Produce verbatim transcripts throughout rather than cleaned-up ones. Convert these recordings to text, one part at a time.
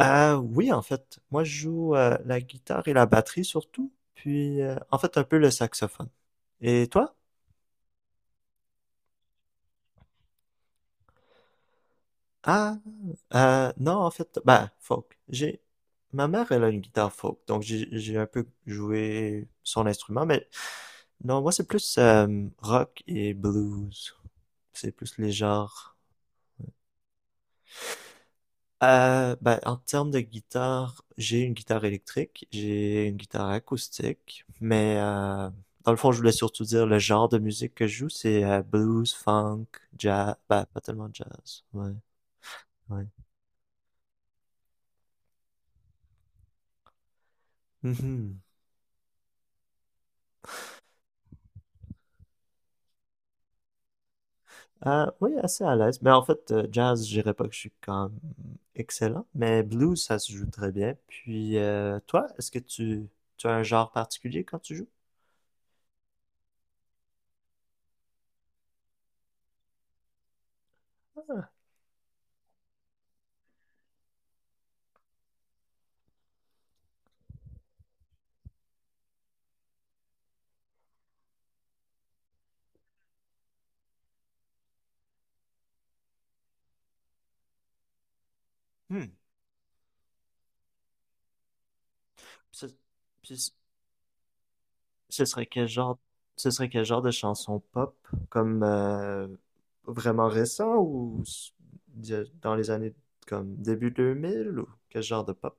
Euh, oui, en fait, moi je joue euh, la guitare et la batterie surtout, puis euh, en fait un peu le saxophone. Et toi? Ah, euh, non, en fait, bah, folk. J'ai, ma mère, elle a une guitare folk, donc j'ai j'ai un peu joué son instrument, mais non, moi c'est plus euh, rock et blues. C'est plus les genres. Euh, ben, en termes de guitare, j'ai une guitare électrique, j'ai une guitare acoustique, mais euh, dans le fond, je voulais surtout dire le genre de musique que je joue, c'est euh, blues, funk, jazz, ben, pas tellement jazz, ouais, ouais. Mhm. Euh, oui, assez à l'aise, mais en fait, euh, jazz, je dirais pas que je suis quand même excellent, mais blues, ça se joue très bien. Puis, euh, toi, est-ce que tu, tu as un genre particulier quand tu joues? Hmm. Ce, puis ce- ce serait quel genre, ce serait quel genre de chanson pop, comme euh, vraiment récent ou s- de- dans les années comme début deux mille ou quel genre de pop?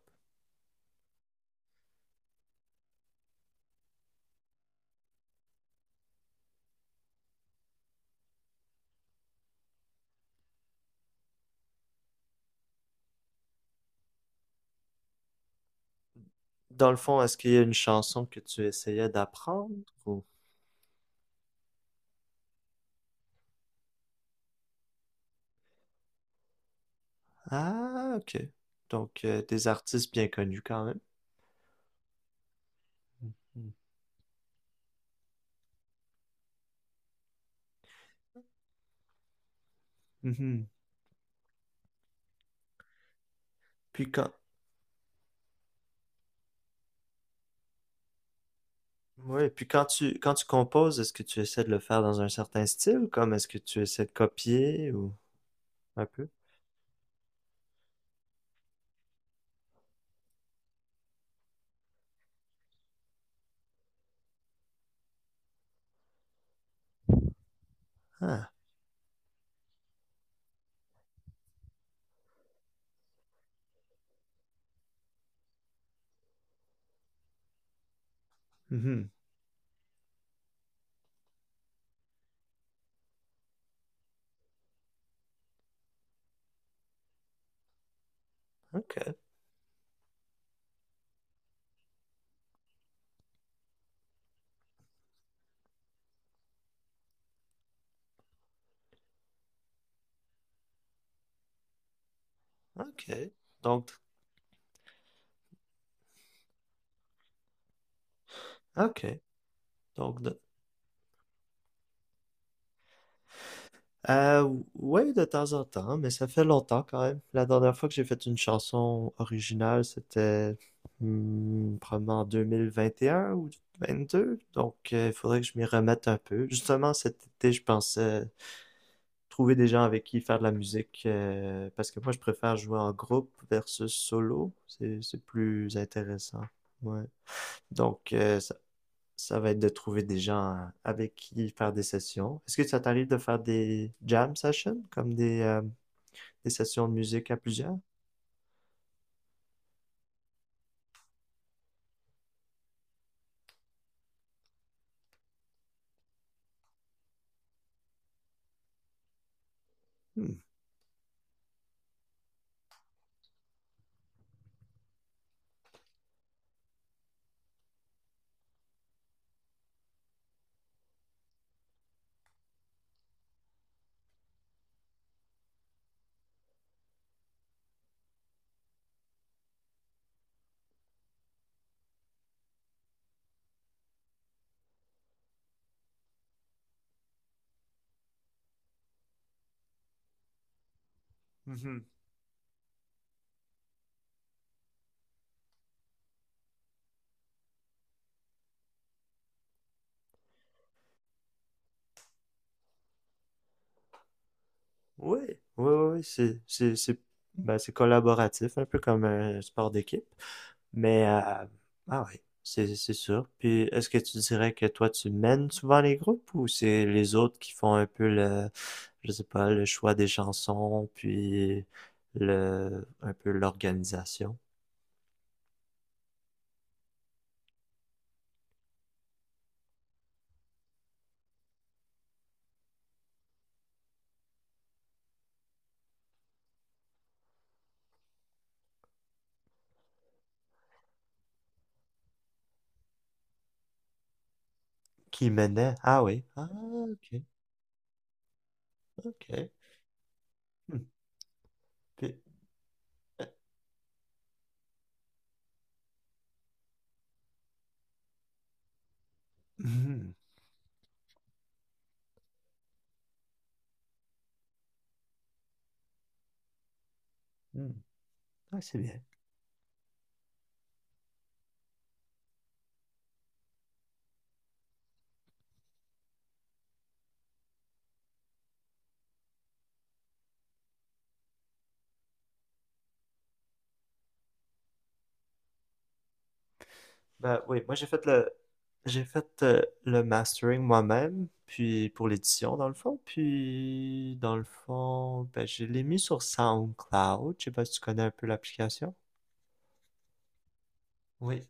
Dans le fond, est-ce qu'il y a une chanson que tu essayais d'apprendre ou... Ah, ok. Donc, euh, des artistes bien connus quand même. Mhm. Mhm. Puis quand, ouais, puis quand tu, quand tu composes, est-ce que tu essaies de le faire dans un certain style, comme est-ce que tu essaies de copier ou un peu? Ah, mhm. Ok, ok. Donc, ok. Donc, Euh, ouais, de temps en temps, mais ça fait longtemps quand même. La dernière fois que j'ai fait une chanson originale, c'était hmm, probablement en deux mille vingt et un ou deux mille vingt-deux. Donc, euh, il faudrait que je m'y remette un peu. Justement, cet été, je pensais trouver des gens avec qui faire de la musique, euh, parce que moi, je préfère jouer en groupe versus solo. C'est, c'est plus intéressant. Ouais. Donc, euh, ça va être de trouver des gens euh, avec qui faire des sessions. Est-ce que ça t'arrive de faire des jam sessions, comme des, euh, des sessions de musique à plusieurs? Hmm. Mhm. Oui, oui, oui, c'est, c'est, c'est, ben, c'est collaboratif, un peu comme un sport d'équipe. Mais, euh, ah oui, c'est, c'est sûr. Puis, est-ce que tu dirais que toi, tu mènes souvent les groupes ou c'est les autres qui font un peu le, je sais pas, le choix des chansons, puis le, un peu l'organisation? Qui menait. Ah oui. Ah, ok, ok. Hmm. Puis- euh, Hmm. Hmm. Ah, c'est bien. Ben oui, moi j'ai fait le j'ai fait euh, le mastering moi-même, puis pour l'édition dans le fond, puis dans le fond, ben je l'ai mis sur SoundCloud. Je sais pas si tu connais un peu l'application. Oui,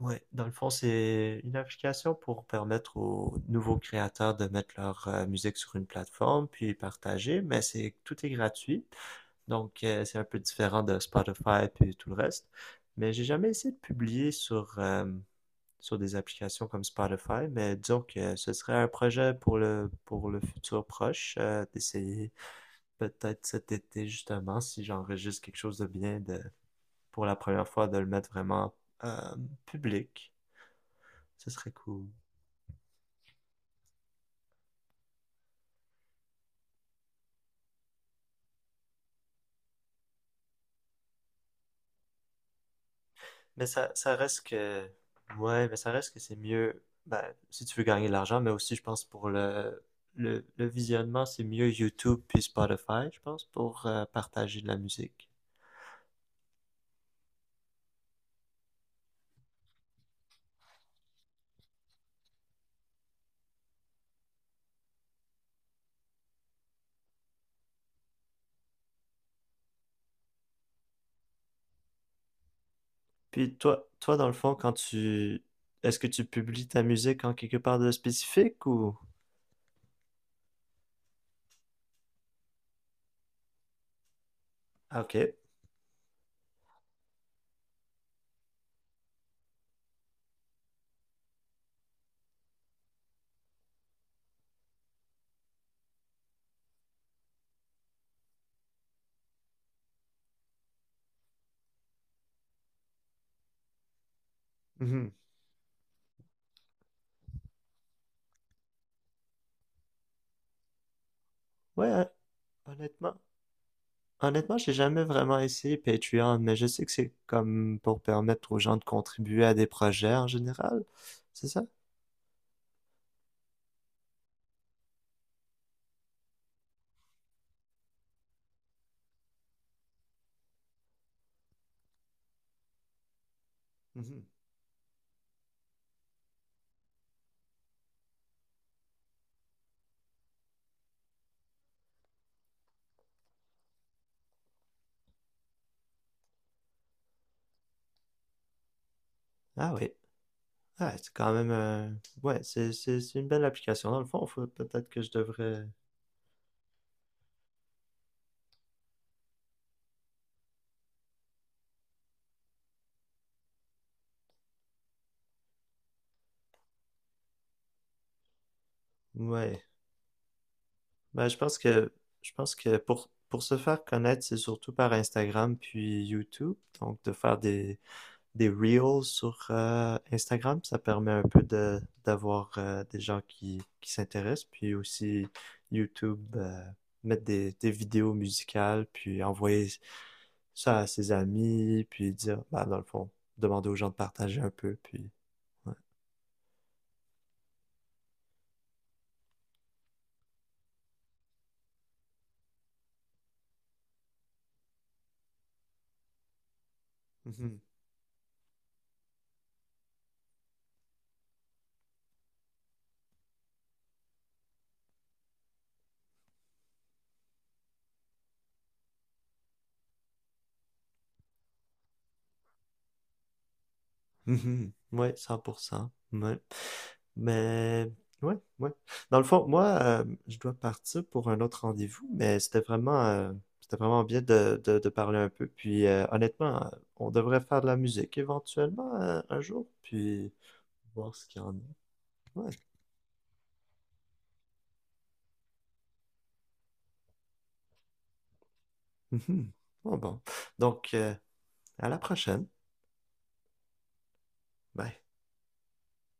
oui. Dans le fond, c'est une application pour permettre aux nouveaux créateurs de mettre leur euh, musique sur une plateforme puis partager, mais c'est tout est gratuit. Donc, euh, c'est un peu différent de Spotify puis tout le reste. Mais j'ai jamais essayé de publier sur, euh, sur des applications comme Spotify, mais disons que ce serait un projet pour le, pour le futur proche, euh, d'essayer peut-être cet été justement, si j'enregistre quelque chose de bien, de, pour la première fois, de le mettre vraiment euh, public. Ce serait cool. Mais ça, ça reste que, ouais, mais ça reste que c'est mieux, ben, si tu veux gagner de l'argent, mais aussi, je pense, pour le, le, le visionnement, c'est mieux YouTube puis Spotify, je pense, pour euh, partager de la musique. Puis toi, toi, dans le fond, quand tu, est-ce que tu publies ta musique en quelque part de spécifique ou? Ah, ok. Mhm. Ouais, hon- honnêtement, honnêtement, j'ai jamais vraiment essayé Patreon, mais je sais que c'est comme pour permettre aux gens de contribuer à des projets en général, c'est ça? Mhm. Ah oui. Ah, c'est quand même euh, ouais, c'est c'est- c'est une belle application. Dans le fond, faut- peut-être que je devrais... Ouais. Ben, je pense que je pense que pour, pour se faire connaître, c'est surtout par Instagram puis YouTube. Donc, de faire des, des reels sur euh, Instagram, ça permet un peu de d'avoir euh, des gens qui, qui s'intéressent. Puis aussi YouTube, euh, mettre des, des vidéos musicales, puis envoyer ça à ses amis, puis dire, bah, dans le fond, demander aux gens de partager un peu, puis... Ouais. Mhm. Mhm. Mhm. Ouais, cent pour cent. Ouais. Mais, ouais, ouais. Dans le fond, moi, euh, je dois partir pour un autre rendez-vous, mais c'était vraiment, euh, c'était vraiment bien de, de, de parler un peu. Puis, euh, honnêtement, euh, on devrait faire de la musique éventuellement euh, un jour, puis voir ce qu'il y en a. Ouais. Mhm. Bon, bon. Donc, euh, à la prochaine. Bye.